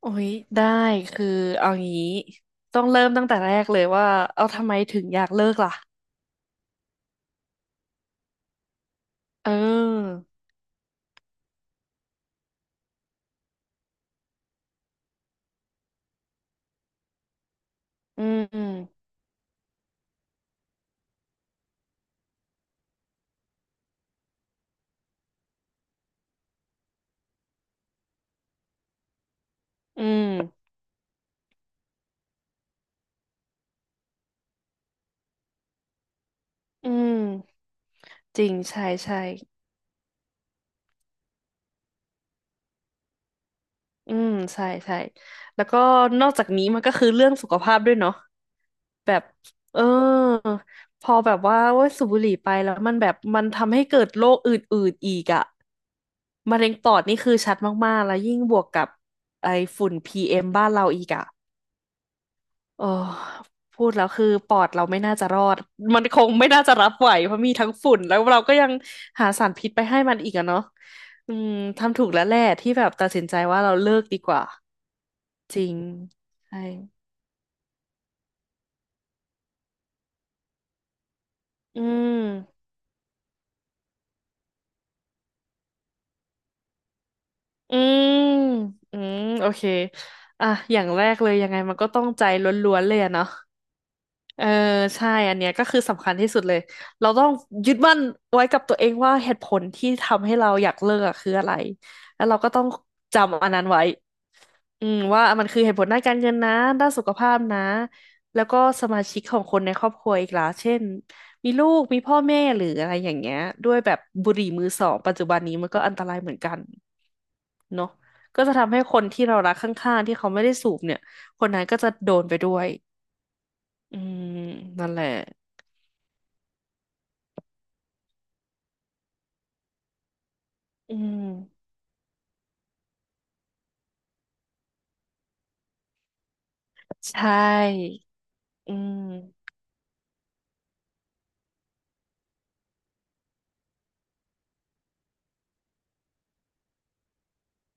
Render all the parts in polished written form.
โอ้ยได้คือเอางี้ต้องเริ่มตั้งแต่แรกเลยว่าเอาทำไมถึงอยากเลิกล่ะเอออืมอืมอืมจริงใช่ใช่อืมใช่ใช่แล้วก็นอกจากนี้มันก็คือเรื่องสุขภาพด้วยเนาะแบบเออพอแบบว่าโอ้ยสูบบุหรี่ไปแล้วมันแบบมันทำให้เกิดโรคอื่นๆอีกอะมะเร็งปอดนี่คือชัดมากๆแล้วยิ่งบวกกับไอฝุ่น PM บ้านเราอีกอะ โอ้พูดแล้วคือปอดเราไม่น่าจะรอดมันคงไม่น่าจะรับไหวเพราะมีทั้งฝุ่นแล้วเราก็ยังหาสารพิษไปให้มันอีกอะเนาะอืมทำถูกแล้วแหละที่แบบตัดสินใจว่าเราเลิกดีกว่าจริงใช่อืมอืมอืมโอเคอ่ะอย่างแรกเลยยังไงมันก็ต้องใจล้วนๆเลยอะเนาะ เออใช่อันเนี้ยก็คือสำคัญที่สุดเลยเราต้องยึดมั่นไว้กับตัวเองว่าเหตุผลที่ทำให้เราอยากเลิกอะคืออะไรแล้วเราก็ต้องจำอันนั้นไว้อืมว่ามันคือเหตุผลด้านการเงินนะด้านสุขภาพนะแล้วก็สมาชิกของคนในครอบครัวอีกล่ะเช่นมีลูกมีพ่อแม่หรืออะไรอย่างเงี้ยด้วยแบบบุหรี่มือสองปัจจุบันนี้มันก็อันตรายเหมือนกันเนาะก็จะทำให้คนที่เรารักข้างๆที่เขาไม่ได้สูบเนี่ยคนนั้นก็จะโดนไปด้วยอืมนั่นแหละ อืมใช่อืม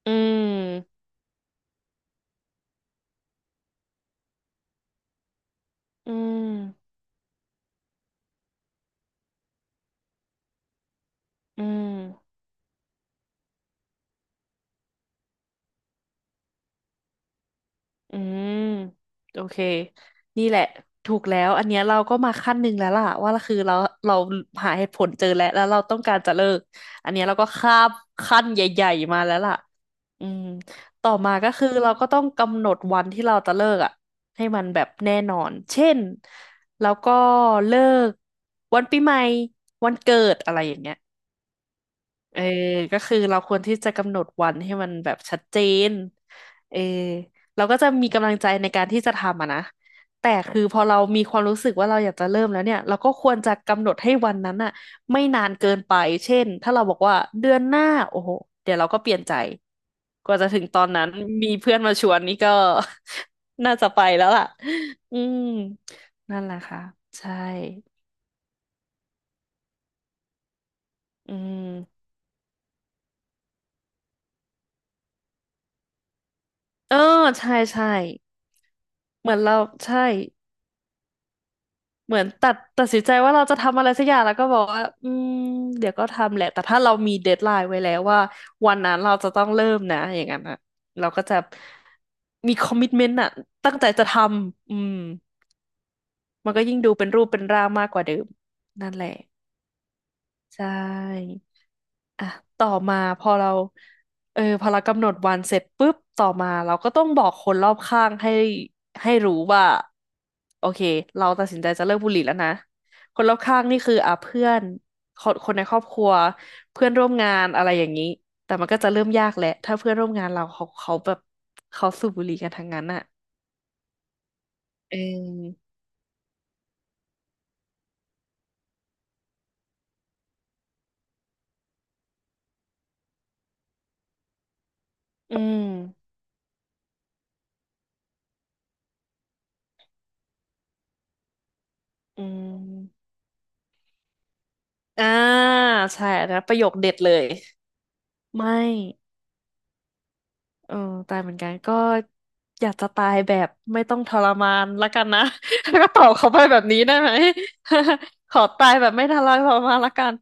อืมอืมอืมอืมโอเคนี่แหละถูกแล้วอันเนี้ยเราก็มาขั้นหนึ่งแล้วล่ะว่าคือเราหาเหตุผลเจอแล้วแล้วเราต้องการจะเลิกอันเนี้ยเราก็ข้ามขั้นใหญ่ๆมาแล้วล่ะอืมต่อมาก็คือเราก็ต้องกำหนดวันที่เราจะเลิกอ่ะให้มันแบบแน่นอนเช่นแล้วก็เลิกวันปีใหม่วันเกิดอะไรอย่างเงี้ย เออก็คือเราควรที่จะกำหนดวันให้มันแบบชัดเจนเออเราก็จะมีกำลังใจในการที่จะทำอะนะแต่คือพอเรามีความรู้สึกว่าเราอยากจะเริ่มแล้วเนี่ยเราก็ควรจะกำหนดให้วันนั้นอะไม่นานเกินไปเช่นถ้าเราบอกว่าเดือนหน้าโอ้โหเดี๋ยวเราก็เปลี่ยนใจกว่าจะถึงตอนนั้นมีเพื่อนมาชวนนี่ก็ น่าจะไปแล้วล่ะอืมนั่นแหละค่ะใช่อืมเออใช่ใช่เหมือนเราใช่ เหมือนตัดสินใจว่าเราจะทำอะไรสักอย่างแล้วก็บอกว่าอืมเดี๋ยวก็ทำแหละแต่ถ้าเรามีเดดไลน์ไว้แล้วว่าวันนั้นเราจะต้องเริ่มนะอย่างนั้นอะเราก็จะมีคอมมิ t เมนต์อะตั้งใจจะทำอืมมันก็ยิ่งดูเป็นรูปเป็นร่างมากกว่าเดิมนั่นแหละใช่ อ่ะต่อมาพอเราเออพอเรากำหนดวันเสร็จปุ๊บต่อมาเราก็ต้องบอกคนรอบข้างให้ให้รู้ว่าโอเคเราตัดสินใจจะเลิกบุหรี่แล้วนะคนรอบข้างนี่คืออ่ะเพื่อนคนในครอบครัวเพื่อนร่วมงานอะไรอย่างนี้แต่มันก็จะเริ่มยากแหละถ้าเพื่อนร่วมงานเราเขาแบบเขาสูบบุหรี่กันทั้งนั้นอ่ะเอออืมอืมอ่าใช่อันะประโยคเด็ดเลยไม่ เออตายเหมือนกันก็อยากจะตายแบบไม่ต้องทรมานละกันนะ ก็ตอบเขาไปแบบนี้ได้ไหม ขอตายแบบไม่ทรมานละกัน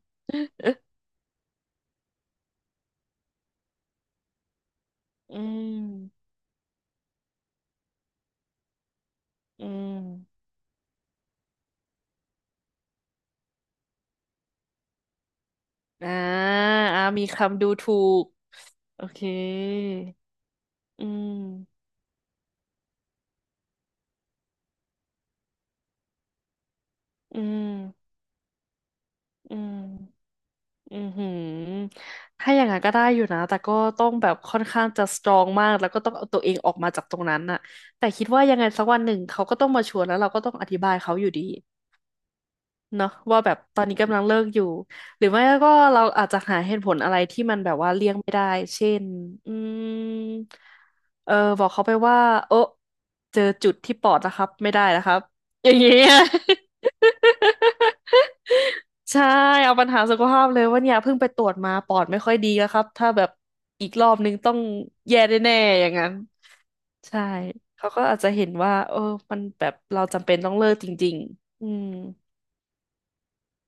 อืมอืมอ่าอ่ามีคำดูถูกโอเคอืมอืมอืม อือหือถ้าอย่างนั้นก็ได้อยู่นะ แต่ก็ต้องแบบค่อนข้างจะสตรองมากแล้วก็ต้องเอาตัวเองออกมาจากตรงนั้นน่ะแต่คิดว่ายังไงสักวันหนึ่งเขาก็ต้องมาชวนแล้วเราก็ต้องอธิบายเขาอยู่ดีเนาะว่าแบบตอนนี้กำลังเลิกอยู่ หรือไม่ก็เราอาจจะหาเหตุผลอะไรที่มันแบบว่าเลี่ยงไม่ได้เช่นอืมเออบอกเขาไปว่าโอะเจอจุดที่ปอดนะครับไม่ได้นะครับอย่างเงี้ย ใช่เอาปัญหาสุขภาพเลยว่าเนี่ยเพิ่งไปตรวจมาปอดไม่ค่อยดีแล้วครับถ้าแบบอีกรอบนึงต้องแย่แน่ๆอย่างนั้นใช่เขาก็อาจจะเห็นว่าเออมันแบบเราจำเป็นต้องเลิกจริงๆอืม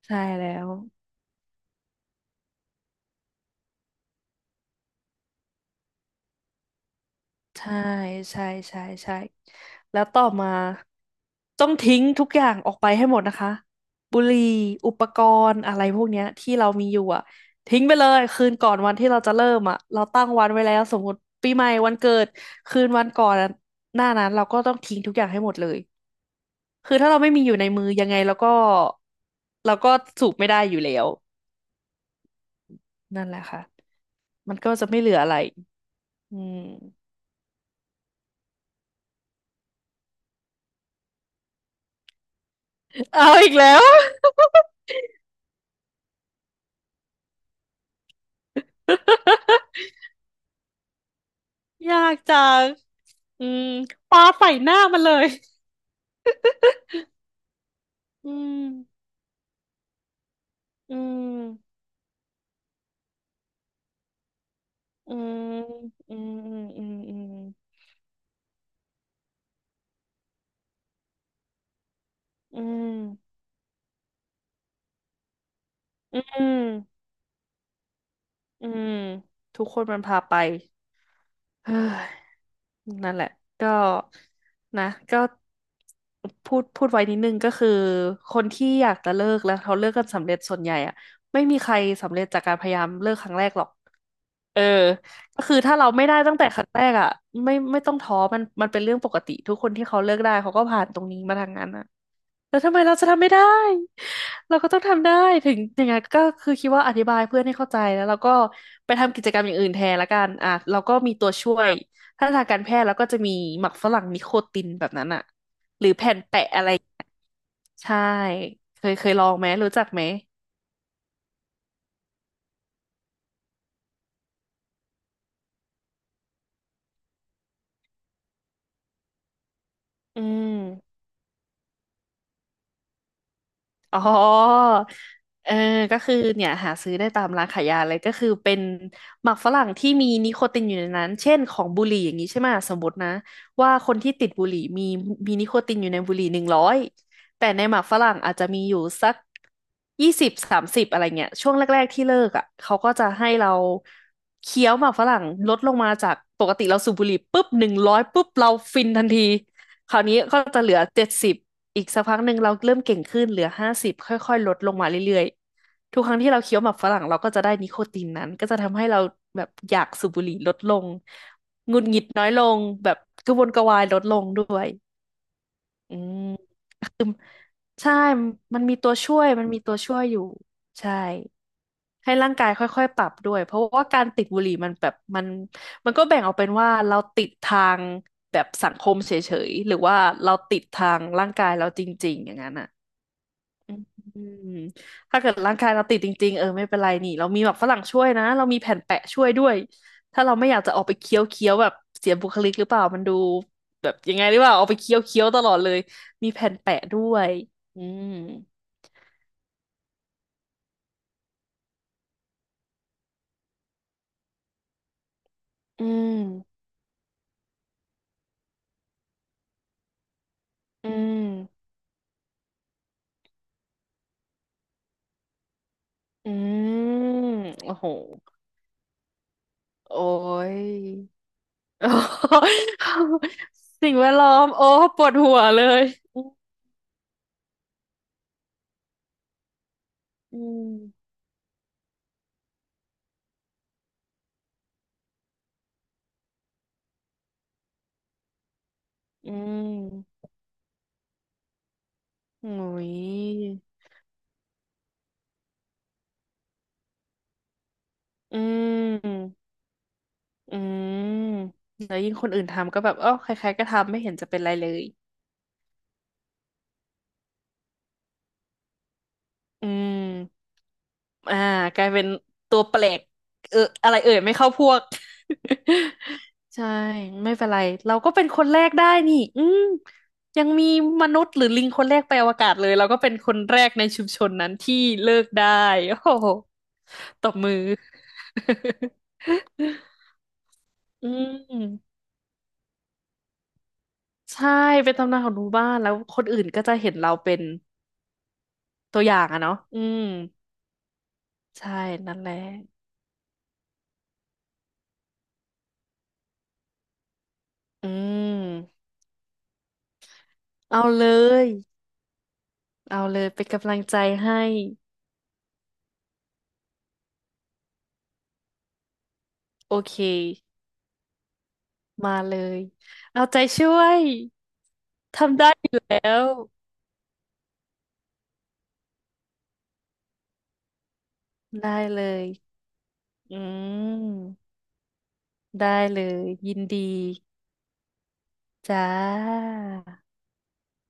ใช่แล้ว ใช่ใช่ใช่ใช่แล้วต่อมาต้องทิ้งทุกอย่างออกไปให้หมดนะคะบุหรี่อุปกรณ์อะไรพวกเนี้ยที่เรามีอยู่อ่ะทิ้งไปเลยคืนก่อนวันที่เราจะเริ่มอ่ะเราตั้งวันไว้แล้วสมมติปีใหม่วันเกิดคืนวันก่อนอะหน้านั้นเราก็ต้องทิ้งทุกอย่างให้หมดเลยคือถ้าเราไม่มีอยู่ในมือยังไงเราก็เราก็สูบไม่ได้อยู่แล้วนั่นแหละค่ะมันก็จะไม่เหลืออะไรอืมเอาอีกแล้ว ยากจัง อืมปาใส่หน้ามันเลยอืมอืมอืมอืมอืมอืมอืมอืมอืมทุกคนมันพาไปเฮ้ยนั่นแหละก็นะก็พูดไว้นิดนึงก็คือ คนที่อยากจะเลิกแล้วเขาเลิกกันสำเร็จส่วนใหญ่อะไม่มีใครสำเร็จจากการพยายามเลิกครั้งแรกหรอก เออก็คือถ้าเราไม่ได้ตั้งแต่ครั้งแรกอ่ะไม่ต้องท้อมันเป็นเรื่องปกติทุกคนที่เขาเลิกได้เขาก็ผ่านตรงนี้มาทางนั้นอ่ะแล้วทำไมเราจะทำไม่ได้เราก็ต้องทำได้ถึงยังไงก็คือคิดว่าอธิบายเพื่อนให้เข้าใจแล้วเราก็ไปทำกิจกรรมอย่างอื่นแทนละกันอ่ะเราก็มีตัวช่วยถ้าทางการแพทย์เราก็จะมีหมักฝรั่งนิโคตินแบบนั้นอ่ะแปะอะไรใช่เคยลองไหมรู้จักไหมอืม อ๋อเออก็คือเนี่ยหาซื้อได้ตามร้านขายยาเลยก็คือเป็นหมากฝรั่งที่มีนิโคตินอยู่ในนั้นเช่นของบุหรี่อย่างนี้ใช่ไหมสมมตินะว่าคนที่ติดบุหรี่มีนิโคตินอยู่ในบุหรี่หนึ่งร้อยแต่ในหมากฝรั่งอาจจะมีอยู่สัก20-30อะไรเงี้ยช่วงแรกๆที่เลิกอ่ะเขาก็จะให้เราเคี้ยวหมากฝรั่งลดลงมาจากปกติเราสูบบุหรี่ปุ๊บหนึ่งร้อยปุ๊บเราฟินทันทีคราวนี้ก็จะเหลือ70 อีกสักพักหนึ่งเราเริ่มเก่งขึ้นเหลือ50ค่อยๆลดลงมาเรื่อยๆทุกครั้งที่เราเคี้ยวหมากฝรั่งเราก็จะได้นิโคตินนั้นก็จะทำให้เราแบบอยากสูบบุหรี่ลดลงหงุดหงิดน้อยลงแบบกระวนกระวายลดลงด้วยอืมใช่มันมีตัวช่วยอยู่ใช่ให้ร่างกายค่อยๆปรับด้วยเพราะว่าการติดบุหรี่มันแบบมันก็แบ่งออกเป็นว่าเราติดทางแบบสังคมเฉยๆหรือว่าเราติดทางร่างกายเราจริงๆอย่างนั้นอ่ะ อืมถ้าเกิดร่างกายเราติดจริงๆเออไม่เป็นไรนี่เรามีแบบฝรั่งช่วยนะเรามีแผ่นแปะช่วยด้วยถ้าเราไม่อยากจะออกไปเคี้ยวเคี้ยวแบบเสียบุคลิกหรือเปล่ามันดูแบบยังไงหรือเปล่าออกไปเคี้ยวเคี้ยวตลอดเลยมีแผ่นแปะด้วยอืมอืมอืมอืมโอ้โหโอ้ย โอ้ยสิ่งแวดล้อมโอ้ปวดหัวเลยอืมอืมอืมโอ้ยอืม อืมแล้วยิ่งคนอื่นทำก็แบบเออใครๆก็ทำไม่เห็นจะเป็นไรเลยอืมอ่ากลายเป็นตัวแปลกเอออะไรเอ่ยไม่เข้าพวก ใช่ไม่เป็นไรเราก็เป็นคนแรกได้นี่อืมยังมีมนุษย์หรือลิงคนแรกไปอวกาศเลยเราก็เป็นคนแรกในชุมชนนั้นที่เลิกได้ โอ้โหตบมือ อืมใช่เป็นตำนานของหมู่บ้านแล้วคนอื่นก็จะเห็นเราเป็นตัวอย่างอะเนาะอืม ใช่นั่นแหละ อืมเอาเลย เอาเลยเป็นกำลังใจให้ โอเค มาเลย เอาใจช่วย ทำได้อยู่แล้ว ได้เลย อืมได้เลยยินดีจ้า